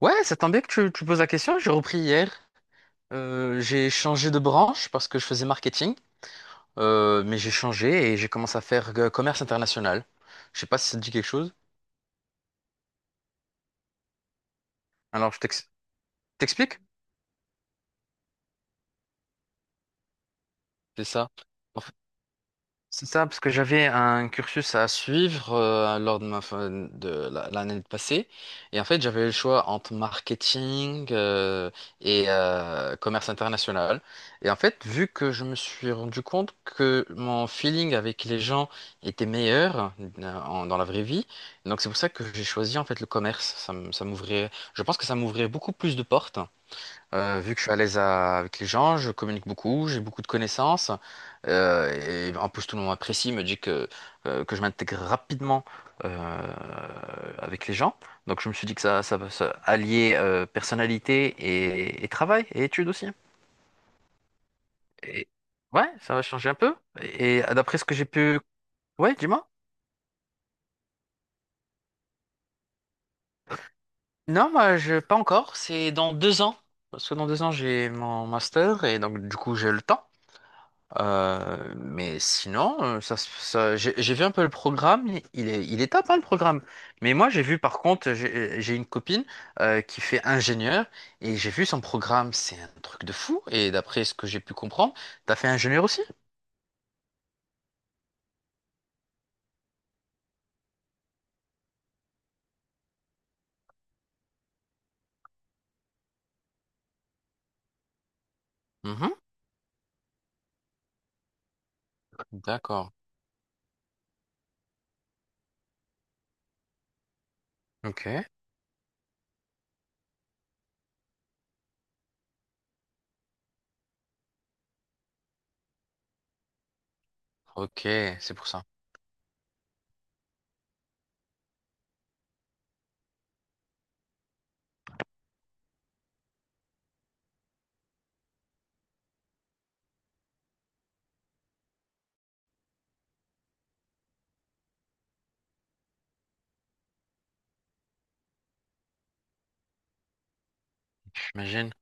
Ouais, ça tombe bien que tu poses la question. J'ai repris hier. J'ai changé de branche parce que je faisais marketing. Mais j'ai changé et j'ai commencé à faire commerce international. Je sais pas si ça te dit quelque chose. Alors, t'explique? C'est ça. C'est ça, parce que j'avais un cursus à suivre lors de ma fin de l'année passée. Et en fait, j'avais le choix entre marketing et commerce international. Et en fait, vu que je me suis rendu compte que mon feeling avec les gens était meilleur dans la vraie vie, donc c'est pour ça que j'ai choisi en fait le commerce. Ça m'ouvrait, je pense que ça m'ouvrait beaucoup plus de portes. Vu que je suis à l'aise avec les gens, je communique beaucoup, j'ai beaucoup de connaissances, euh, et en plus tout le monde m'apprécie, me dit que je m'intègre rapidement euh, avec les gens. Donc je me suis dit que ça va se allier personnalité et travail et études aussi. Et, ouais, ça va changer un peu. Et d'après ce que j'ai pu... Ouais, dis-moi. Non, moi, je, pas encore, c'est dans 2 ans. Parce que dans 2 ans, j'ai mon master, et donc du coup, j'ai le temps. Mais sinon, j'ai vu un peu le programme, il est top hein, le programme. Mais moi j'ai vu par contre, j'ai une copine qui fait ingénieur, et j'ai vu son programme, c'est un truc de fou. Et d'après ce que j'ai pu comprendre, t'as fait ingénieur aussi? Mhm. D'accord. Ok. Ok, c'est pour ça. J'imagine.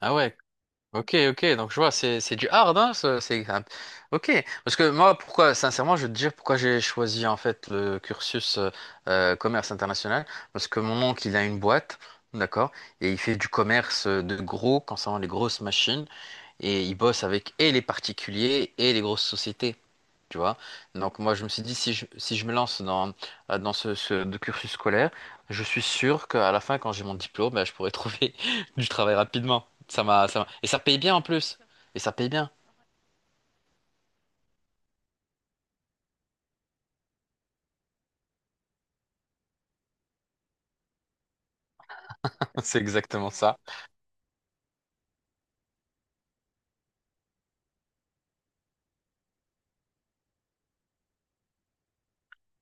Ah ouais, ok, ok, donc je vois, c'est du hard, hein, ça, ok. Parce que moi, pourquoi, sincèrement, je vais te dire pourquoi j'ai choisi en fait le cursus commerce international, parce que mon oncle, il a une boîte, d'accord, et il fait du commerce de gros, concernant les grosses machines, et il bosse avec et les particuliers et les grosses sociétés. Tu vois? Donc moi je me suis dit si je me lance dans, dans ce, ce de cursus scolaire, je suis sûr qu'à la fin quand j'ai mon diplôme, ben, je pourrai trouver du travail rapidement. Et ça paye bien en plus. Et ça paye bien. C'est exactement ça.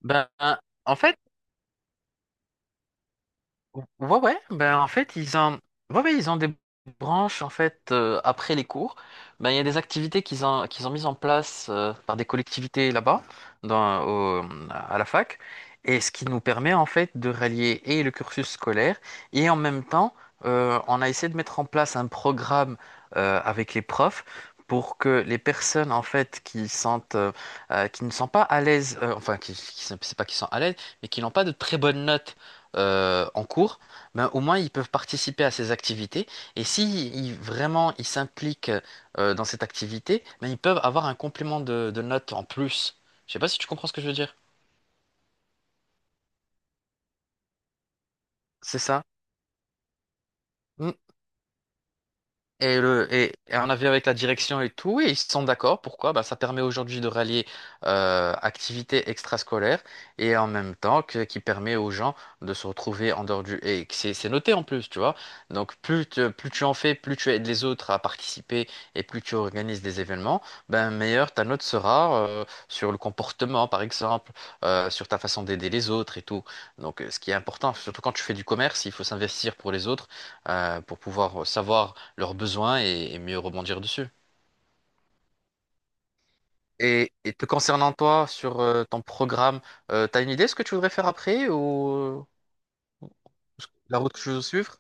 Ben en fait, ouais, ouais, ben en fait, ouais, ouais, ils ont des branches, en fait, après les cours. Ben, il y a des activités qu'ils ont mises en place par des collectivités là-bas, dans, au- à la fac. Et ce qui nous permet, en fait, de rallier et le cursus scolaire, et en même temps, on a essayé de mettre en place un programme avec les profs pour que les personnes, en fait, qui sentent qui ne sont pas à l'aise, enfin, c'est pas qu'ils sont à l'aise, mais qui n'ont pas de très bonnes notes en cours, ben, au moins ils peuvent participer à ces activités. Et si vraiment ils s'impliquent dans cette activité, ben, ils peuvent avoir un complément de notes en plus. Je sais pas si tu comprends ce que je veux dire. C'est ça. Et on a vu avec la direction et tout, et ils sont d'accord. Pourquoi? Bah, ça permet aujourd'hui de rallier activités extrascolaires et en même temps qui permet aux gens de se retrouver en dehors du... Et que c'est noté en plus, tu vois. Donc plus, plus tu en fais, plus tu aides les autres à participer et plus tu organises des événements, ben, meilleure ta note sera sur le comportement, par exemple, sur ta façon d'aider les autres et tout. Donc, ce qui est important, surtout quand tu fais du commerce, il faut s'investir pour les autres pour pouvoir savoir leurs besoins et mieux rebondir dessus. Et te concernant toi, sur ton programme, t'as une idée de ce que tu voudrais faire après ou la route que tu veux suivre?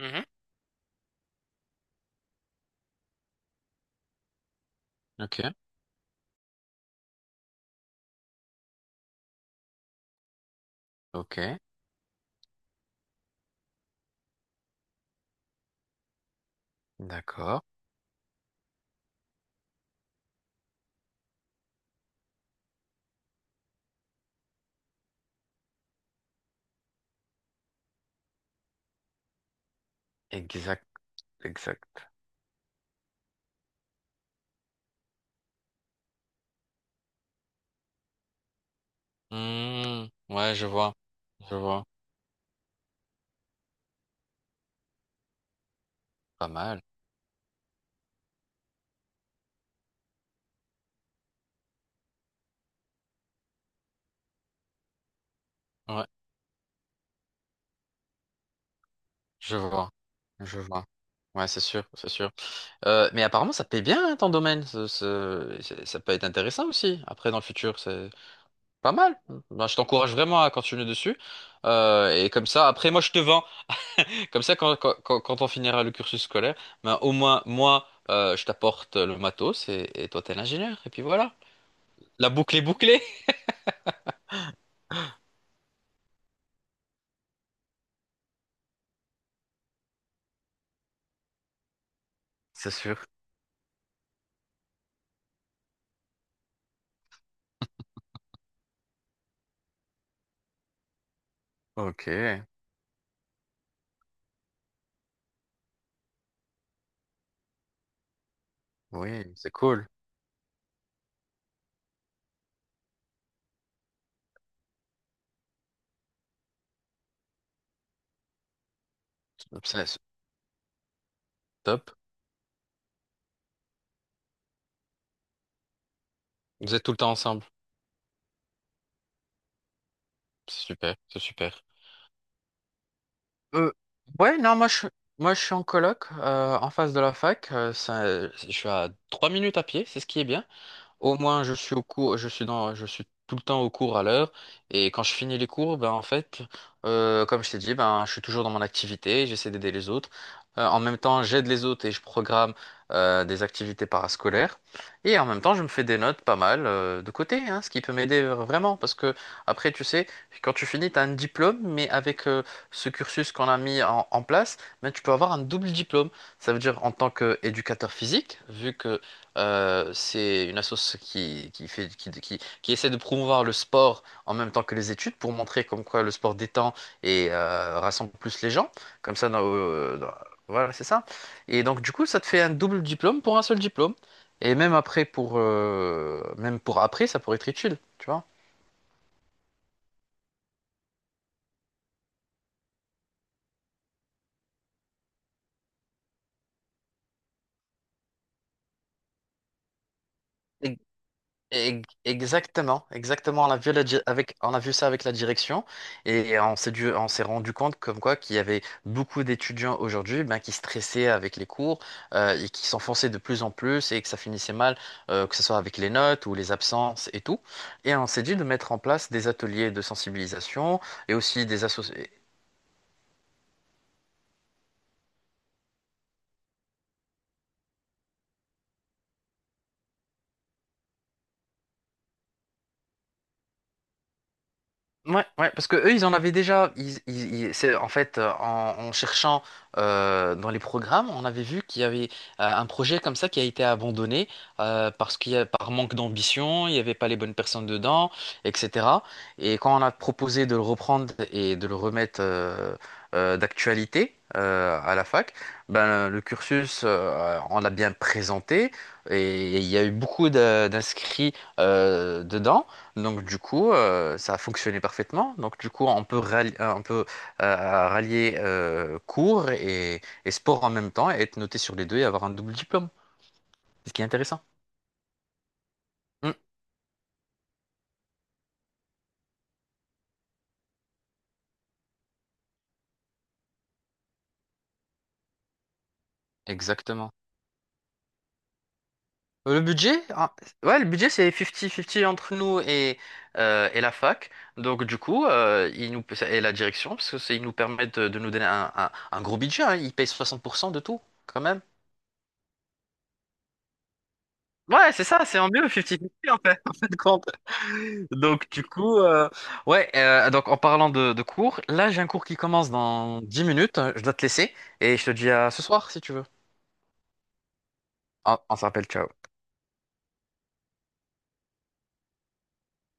Mhm. Ok, ok, d'accord. Exact, exact. Hmm, ouais, je vois, je vois. Pas mal. Ouais, je vois, je vois. Ouais, c'est sûr, c'est sûr. Mais apparemment, ça paye bien hein, ton domaine. Ça peut être intéressant aussi, après, dans le futur. Pas mal. Ben, je t'encourage vraiment à continuer dessus. Et comme ça, après, moi, je te vends. Comme ça, quand on finira le cursus scolaire, ben, au moins, moi, je t'apporte le matos et toi, t'es l'ingénieur. Et puis voilà. La boucle est bouclée. C'est sûr. Ok. Oui, c'est cool. C'est top. Vous êtes tout le temps ensemble. C'est super. C'est super. Euh, ouais, non, moi, je suis en coloc, en face de la fac. Je suis à 3 minutes à pied. C'est ce qui est bien. Au moins, je suis au cours, je suis tout le temps au cours à l'heure. Et quand je finis les cours, ben en fait, comme je t'ai dit, ben je suis toujours dans mon activité, j'essaie d'aider les autres. En même temps, j'aide les autres et je programme des activités parascolaires. Et en même temps, je me fais des notes pas mal de côté, hein, ce qui peut m'aider vraiment. Parce que après, tu sais, quand tu finis, tu as un diplôme, mais avec ce cursus qu'on a mis en place, ben, tu peux avoir un double diplôme. Ça veut dire en tant qu'éducateur physique, vu que c'est une asso qui fait, qui essaie de promouvoir le sport en même temps que les études pour montrer comme quoi le sport détend et rassemble plus les gens. Comme ça, voilà, c'est ça. Et donc, du coup, ça te fait un double diplôme pour un seul diplôme. Et même après, même pour après, ça pourrait être utile, tu vois. Exactement, exactement. On a vu ça avec la direction et on s'est rendu compte comme quoi qu'il y avait beaucoup d'étudiants aujourd'hui ben, qui stressaient avec les cours et qui s'enfonçaient de plus en plus et que ça finissait mal, que ce soit avec les notes ou les absences et tout. Et on s'est dit de mettre en place des ateliers de sensibilisation et aussi des associations. Ouais, ouais, parce que eux, ils en avaient déjà. C'est, en fait, en cherchant dans les programmes, on avait vu qu'il y avait un projet comme ça qui a été abandonné parce par manque d'ambition, il n'y avait pas les bonnes personnes dedans, etc. Et quand on a proposé de le reprendre et de le remettre d'actualité à la fac, ben, le cursus, on l'a bien présenté et il y a eu beaucoup d'inscrits dedans. Donc du coup, ça a fonctionné parfaitement. Donc du coup, on peut rallier cours et sport en même temps et être noté sur les deux et avoir un double diplôme. C'est ce qui est intéressant. Mm, exactement. Ah, ouais, le budget c'est 50-50 entre nous et la fac. Donc du coup, et la direction, parce que ils nous permettent de nous donner un gros budget, hein. Ils payent 60% de tout, quand même. Ouais, c'est ça, c'est en mieux 50-50 en fait, en fin de compte. Donc du coup, ouais, donc en parlant de cours, là j'ai un cours qui commence dans 10 minutes, je dois te laisser et je te dis à ce soir si tu veux. On s'appelle, ciao.